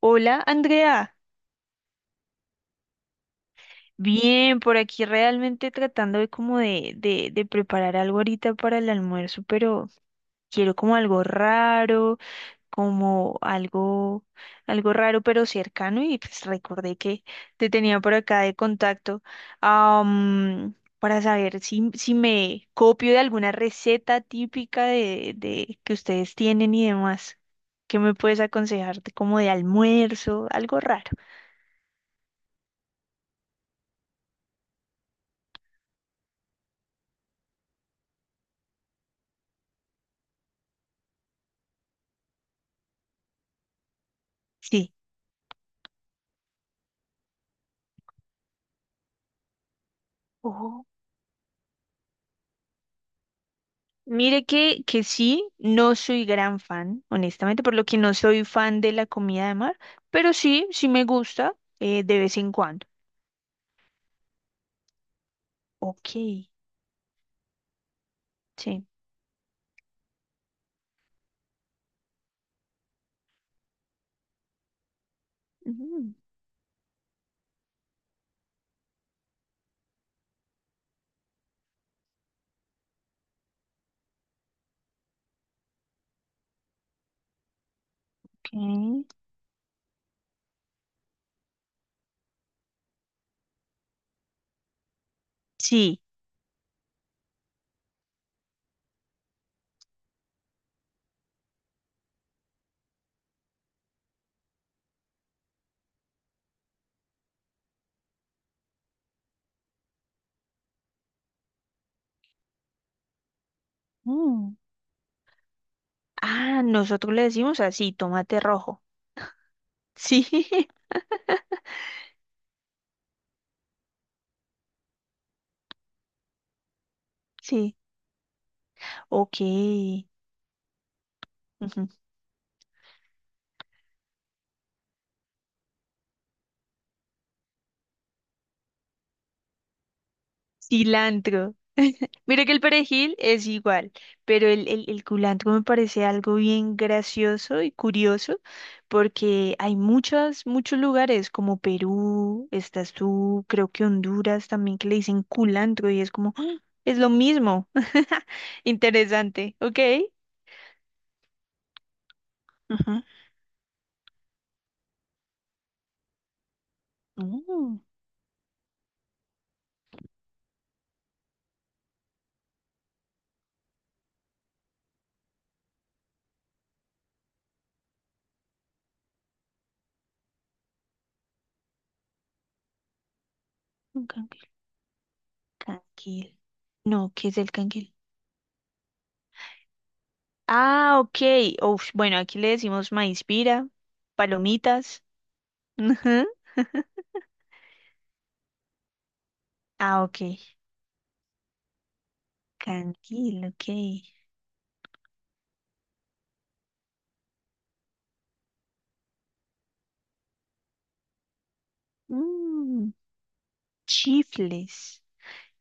Hola, Andrea. Bien, por aquí realmente tratando de como de preparar algo ahorita para el almuerzo, pero quiero como algo raro, como algo, algo raro pero cercano y pues recordé que te tenía por acá de contacto, para saber si me copio de alguna receta típica de que ustedes tienen y demás. ¿Qué me puedes aconsejarte como de almuerzo? Algo raro. Sí. Mire que sí, no soy gran fan, honestamente, por lo que no soy fan de la comida de mar, pero sí, sí me gusta de vez en cuando. Ok, sí. Ujú, ok. Sí. Mm. Ah, nosotros le decimos así, tomate rojo. Sí, sí. Ok. Ujú. Cilantro. Mira que el perejil es igual, pero el culantro me parece algo bien gracioso y curioso porque hay muchos, muchos lugares como Perú, estás tú, creo que Honduras también que le dicen culantro y es como, ¡ah! Es lo mismo. Interesante, ¿ok? Ujú. Mm, un canguil. Canquil. No, ¿qué es el canquil? Ah, ok. Uf, bueno, aquí le decimos maíz pira, palomitas. Ah, ok. Candil, ok. Mm, chifles.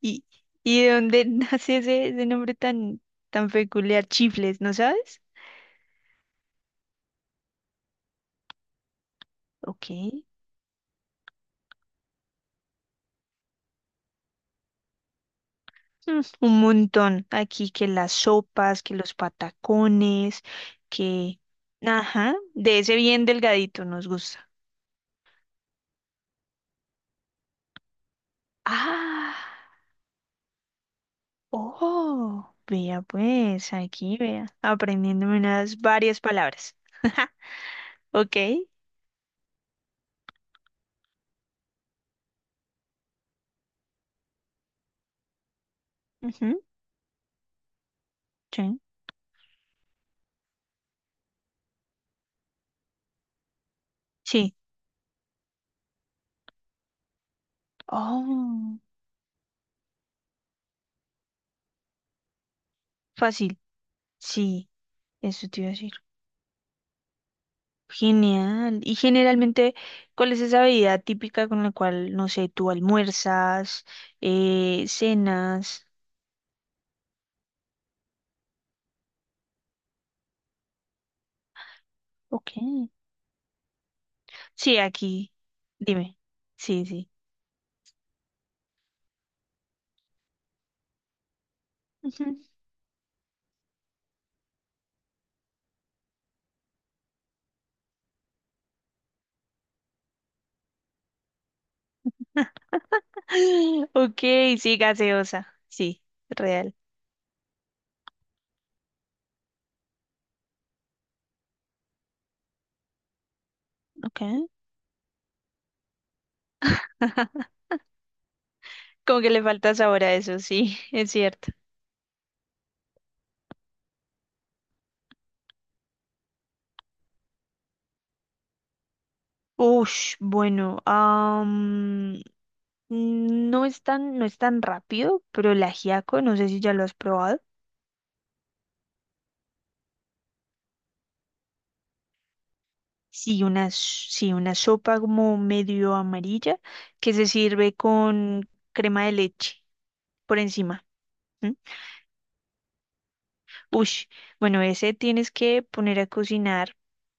¿Y, y de dónde nace ese nombre tan, tan peculiar? Chifles, ¿no sabes? Ok. Mm, un montón. Aquí que las sopas, que los patacones, que... Ajá, de ese bien delgadito nos gusta. Ah, oh, vea pues, aquí vea, aprendiéndome unas varias palabras. Ok. Ujú, sí. Sí. Oh, fácil. Sí, eso te iba a decir. Genial. Y generalmente, ¿cuál es esa bebida típica con la cual, no sé, tú almuerzas, cenas? Ok. Sí, aquí. Dime. Sí, sí. Ujú. Ok, sí, gaseosa. Sí, real. Ok. Como que le falta sabor a eso, sí, es cierto. Ush, bueno, no es tan, no es tan rápido, pero el ajiaco, no sé si ya lo has probado. Sí, una sopa como medio amarilla que se sirve con crema de leche por encima. ¿M? Ush, bueno, ese tienes que poner a cocinar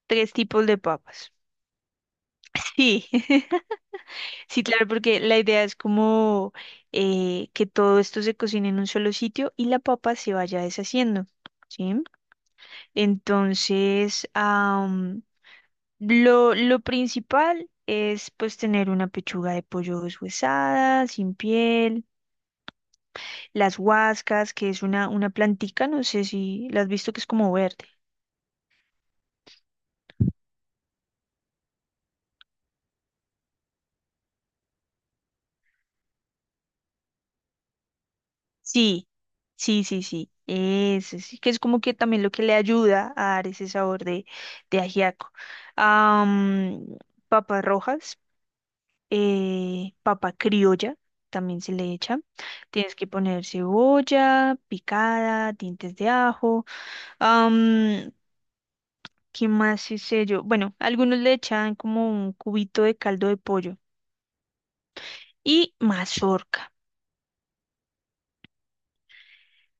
tres tipos de papas. Sí, sí, claro, porque la idea es como que todo esto se cocine en un solo sitio y la papa se vaya deshaciendo, ¿sí? Entonces, lo principal es pues tener una pechuga de pollo deshuesada, sin piel, las huascas, que es una plantica, no sé si la has visto que es como verde. Sí, sí, sí, sí. Ese sí, que es como que también lo que le ayuda a dar ese sabor de ajiaco. Am, papas rojas, papa criolla, también se le echa. Tienes que poner cebolla picada, dientes de ajo. am, ¿qué más hice yo? Bueno, algunos le echan como un cubito de caldo de pollo y mazorca.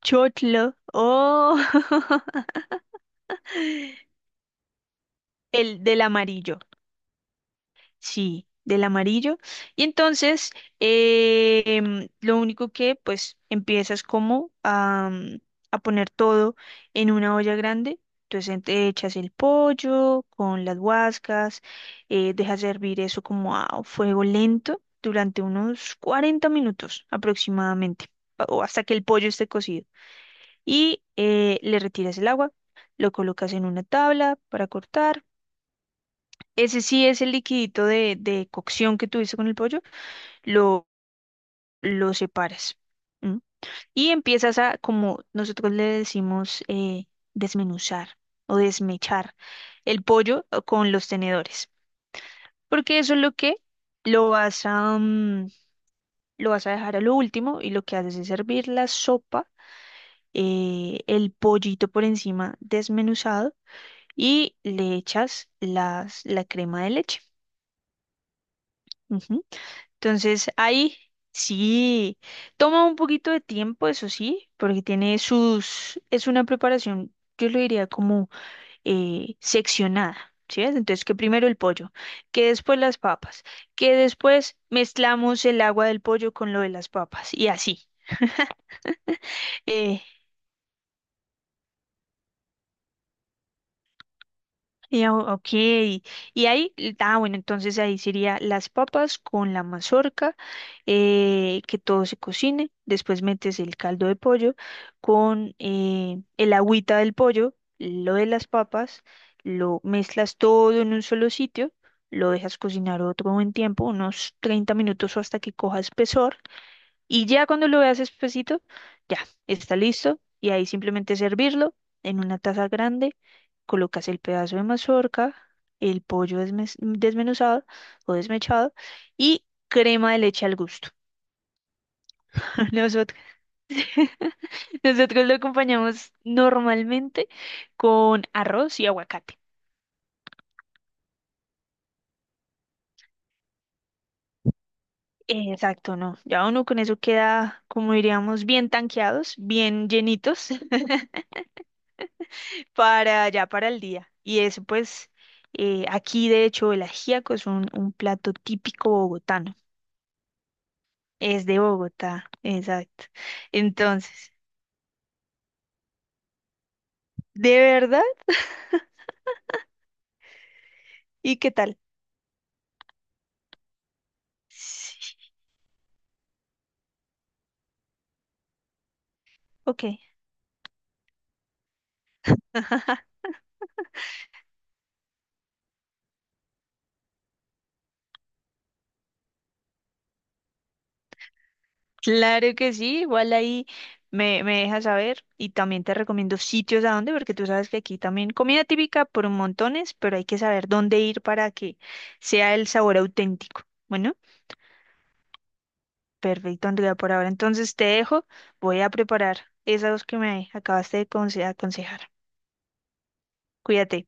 Chotlo, oh, el del amarillo. Sí, del amarillo. Y entonces, lo único que pues empiezas como a poner todo en una olla grande. Entonces te echas el pollo con las guascas, dejas hervir eso como a fuego lento durante unos 40 minutos aproximadamente, o hasta que el pollo esté cocido. Y le retiras el agua, lo colocas en una tabla para cortar, ese sí es el liquidito de cocción que tuviste con el pollo, lo, lo separas. ¿M? Y empiezas a, como nosotros le decimos, desmenuzar o desmechar el pollo con los tenedores. Porque eso es lo que lo vas a dejar a lo último, y lo que haces es servir la sopa, el pollito por encima desmenuzado, y le echas la crema de leche. Ujú. Entonces, ahí sí, toma un poquito de tiempo, eso sí, porque tiene sus, es una preparación, yo lo diría como seccionada, ¿sí ves? Entonces, que primero el pollo, que después las papas, que después mezclamos el agua del pollo con lo de las papas y así. Eh, Y, ah, ok, y ahí, ah, bueno, entonces ahí sería las papas con la mazorca, que todo se cocine, después metes el caldo de pollo con el agüita del pollo, lo de las papas, lo mezclas todo en un solo sitio, lo dejas cocinar otro buen tiempo, unos 30 minutos o hasta que coja espesor, y ya cuando lo veas espesito, ya está listo. Y ahí simplemente servirlo en una taza grande. Colocas el pedazo de mazorca, el pollo desmenuzado o desmechado, y crema de leche al gusto. Nosotros, nosotros lo acompañamos normalmente con arroz y aguacate. Exacto, no. Ya uno con eso queda, como diríamos, bien tanqueados, bien llenitos. Para ya para el día. Y eso pues, aquí de hecho el ajiaco es un plato típico bogotano. Es de Bogotá, exacto. Entonces, ¿de verdad? ¿Y qué tal? Sí, ok, claro que sí, igual ahí me dejas saber, y también te recomiendo sitios a dónde, porque tú sabes que aquí también comida típica por montones, pero hay que saber dónde ir para que sea el sabor auténtico. Bueno. Perfecto, Andrea, por ahora. Entonces te dejo, voy a preparar esas dos que me acabaste de aconsejar. Cuídate.